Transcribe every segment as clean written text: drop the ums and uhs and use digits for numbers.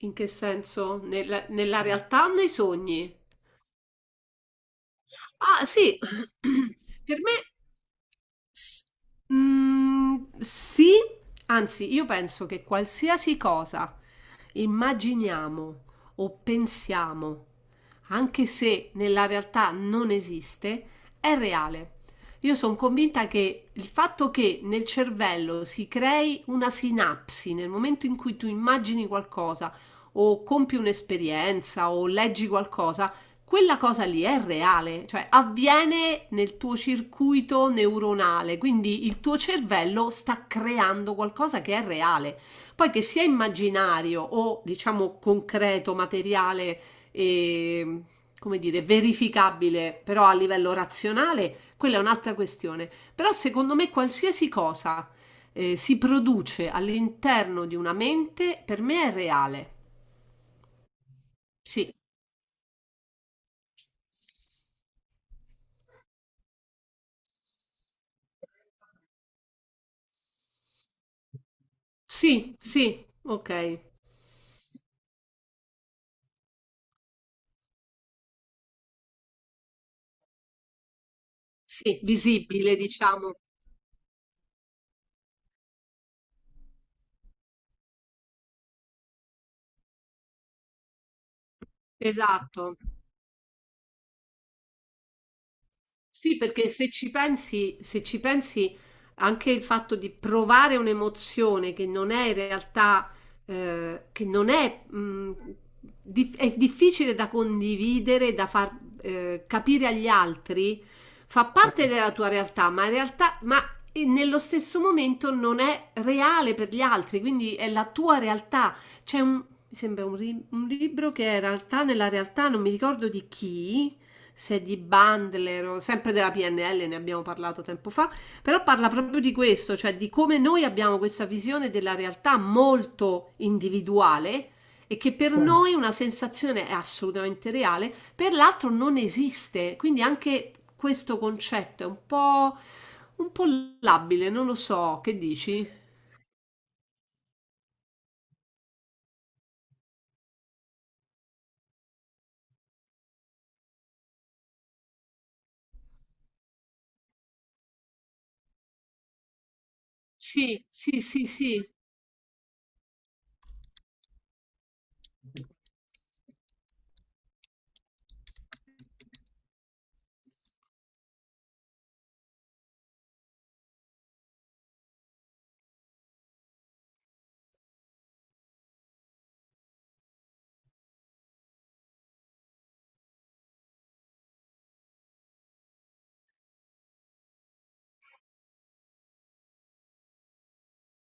In che senso? Nella realtà o nei sogni? Ah sì, per me S- sì, anzi, io penso che qualsiasi cosa immaginiamo o pensiamo, anche se nella realtà non esiste, è reale. Io sono convinta che il fatto che nel cervello si crei una sinapsi nel momento in cui tu immagini qualcosa o compi un'esperienza o leggi qualcosa, quella cosa lì è reale, cioè avviene nel tuo circuito neuronale, quindi il tuo cervello sta creando qualcosa che è reale. Poi che sia immaginario o diciamo concreto, materiale e come dire, verificabile, però a livello razionale, quella è un'altra questione. Però secondo me qualsiasi cosa si produce all'interno di una mente, per me è reale. Sì, sì, sì, ok. Sì, visibile, diciamo. Esatto. Sì, perché se ci pensi, se ci pensi anche il fatto di provare un'emozione che non è in realtà, che non è, è difficile da condividere, da far capire agli altri, fa parte della tua realtà, ma in realtà, ma e nello stesso momento non è reale per gli altri, quindi è la tua realtà. Mi sembra un libro che è in realtà nella realtà non mi ricordo di chi, se di Bandler o sempre della PNL, ne abbiamo parlato tempo fa, però parla proprio di questo, cioè di come noi abbiamo questa visione della realtà molto individuale e che per Sì. noi una sensazione è assolutamente reale, per l'altro non esiste. Quindi anche questo concetto è un po' labile, non lo so, che dici? Sì, sì, sì, sì.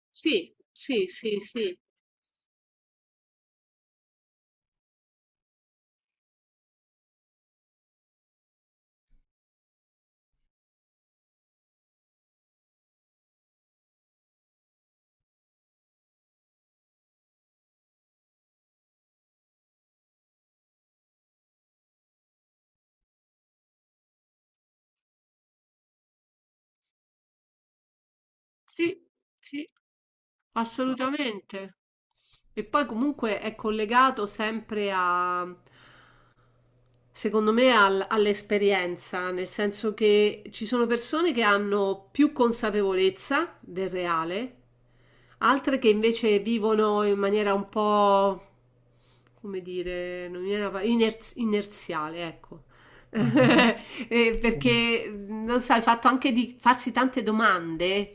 Sì, sì, sì, sì, sì, sì, assolutamente. E poi comunque è collegato sempre a, secondo me, all'esperienza, nel senso che ci sono persone che hanno più consapevolezza del reale, altre che invece vivono in maniera un po', come dire, non mi viene la inerziale, ecco. Perché non so, il fatto anche di farsi tante domande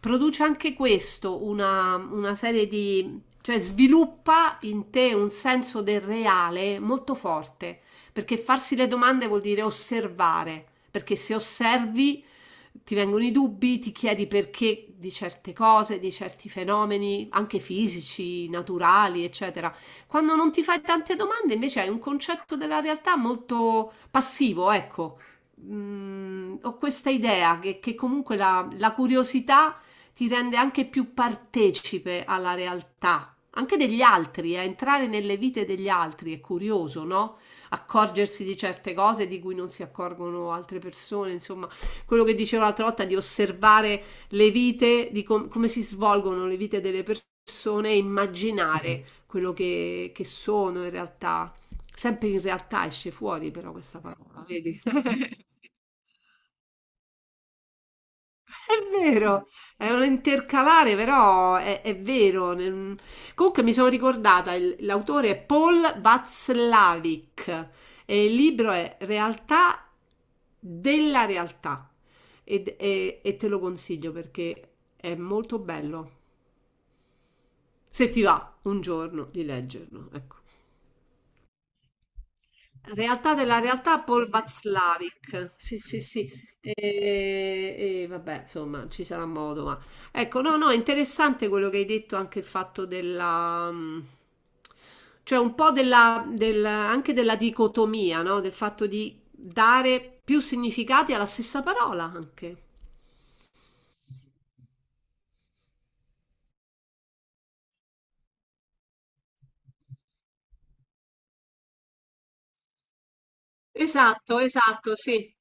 produce anche questo, una serie di, cioè sviluppa in te un senso del reale molto forte perché farsi le domande vuol dire osservare, perché se osservi ti vengono i dubbi, ti chiedi perché di certe cose, di certi fenomeni, anche fisici, naturali, eccetera. Quando non ti fai tante domande, invece hai un concetto della realtà molto passivo, ecco. Mm, ho questa idea che comunque la curiosità ti rende anche più partecipe alla realtà, anche degli altri, a entrare nelle vite degli altri è curioso, no? Accorgersi di certe cose di cui non si accorgono altre persone, insomma, quello che dicevo l'altra volta di osservare le vite, di come si svolgono le vite delle persone e immaginare quello che sono in realtà. Sempre in realtà esce fuori però questa parola, vedi? È vero, è un intercalare, però è vero. Comunque mi sono ricordata, l'autore è Paul Václavik e il libro è Realtà della realtà. E, e te lo consiglio perché è molto bello. Se ti va un giorno di leggerlo, ecco. Realtà della realtà, Paul Václavic. Sì, sì, sì. E vabbè, insomma, ci sarà modo, ma ecco, no, no, è interessante quello che hai detto anche il fatto della cioè un po' della, anche della dicotomia, no? Del fatto di dare più significati alla stessa parola anche. Esatto, esatto, sì.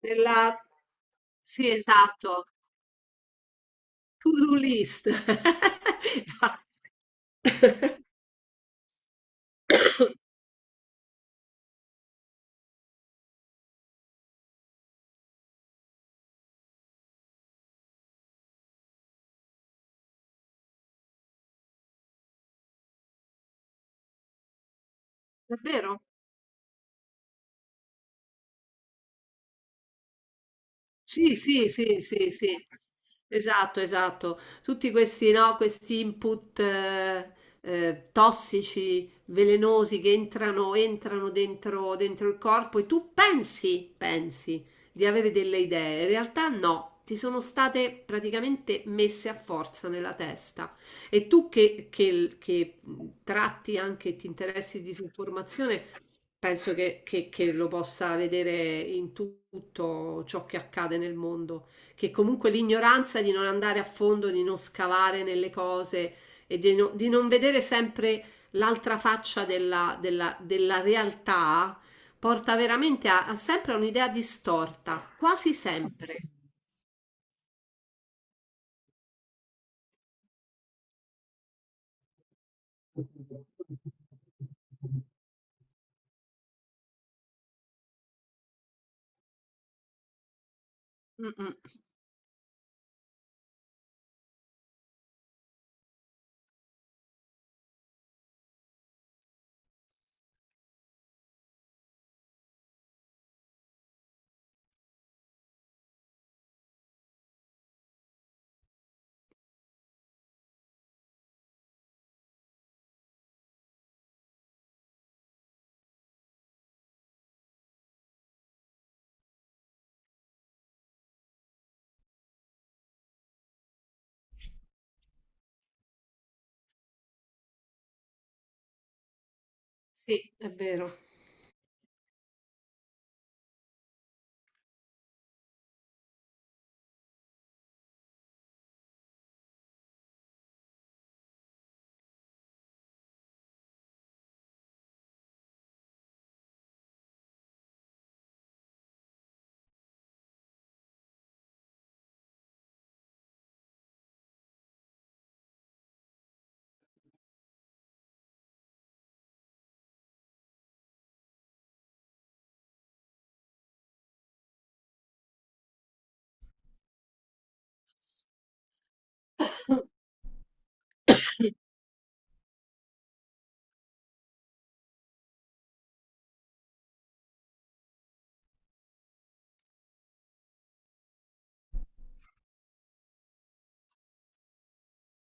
Nella... Sì, esatto. To-do list. Davvero? Sì, sì, sì, sì, sì, esatto, esatto. Tutti questi, no, questi input tossici, velenosi che entrano, entrano dentro, dentro il corpo e tu pensi, pensi di avere delle idee, in realtà no, ti sono state praticamente messe a forza nella testa. E tu che tratti anche, ti interessi di disinformazione, penso che lo possa vedere in tutto ciò che accade nel mondo, che comunque l'ignoranza di non andare a fondo, di non scavare nelle cose e di, di non vedere sempre l'altra faccia della, della realtà porta veramente a, a sempre a un'idea distorta, quasi sempre. Mm, mm. Sì, è vero.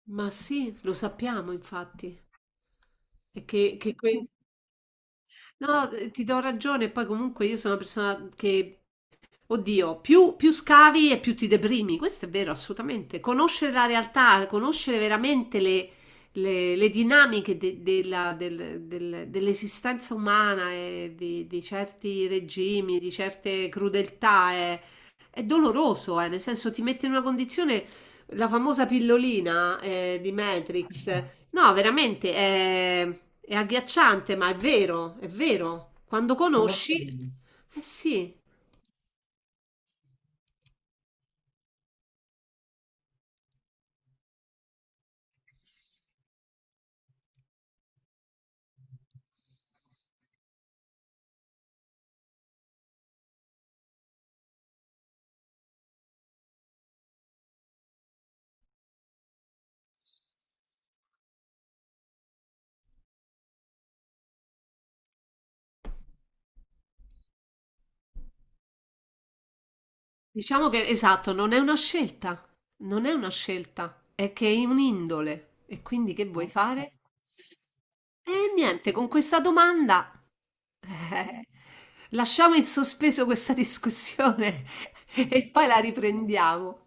Ma sì, lo sappiamo infatti. E che, che que- No, ti do ragione, poi comunque io sono una persona che, oddio, più, più scavi e più ti deprimi, questo è vero, assolutamente. Conoscere la realtà, conoscere veramente le, le dinamiche dell'esistenza umana e di certi regimi, di certe crudeltà è doloroso, nel senso ti mette in una condizione, la famosa pillolina di Matrix. No, veramente è agghiacciante, ma è vero, è vero. Quando conosci, Conosci? Fine. Eh sì, diciamo che esatto, non è una scelta, non è una scelta, è che è un'indole. E quindi che vuoi fare? E niente, con questa domanda eh, lasciamo in sospeso questa discussione e poi la riprendiamo.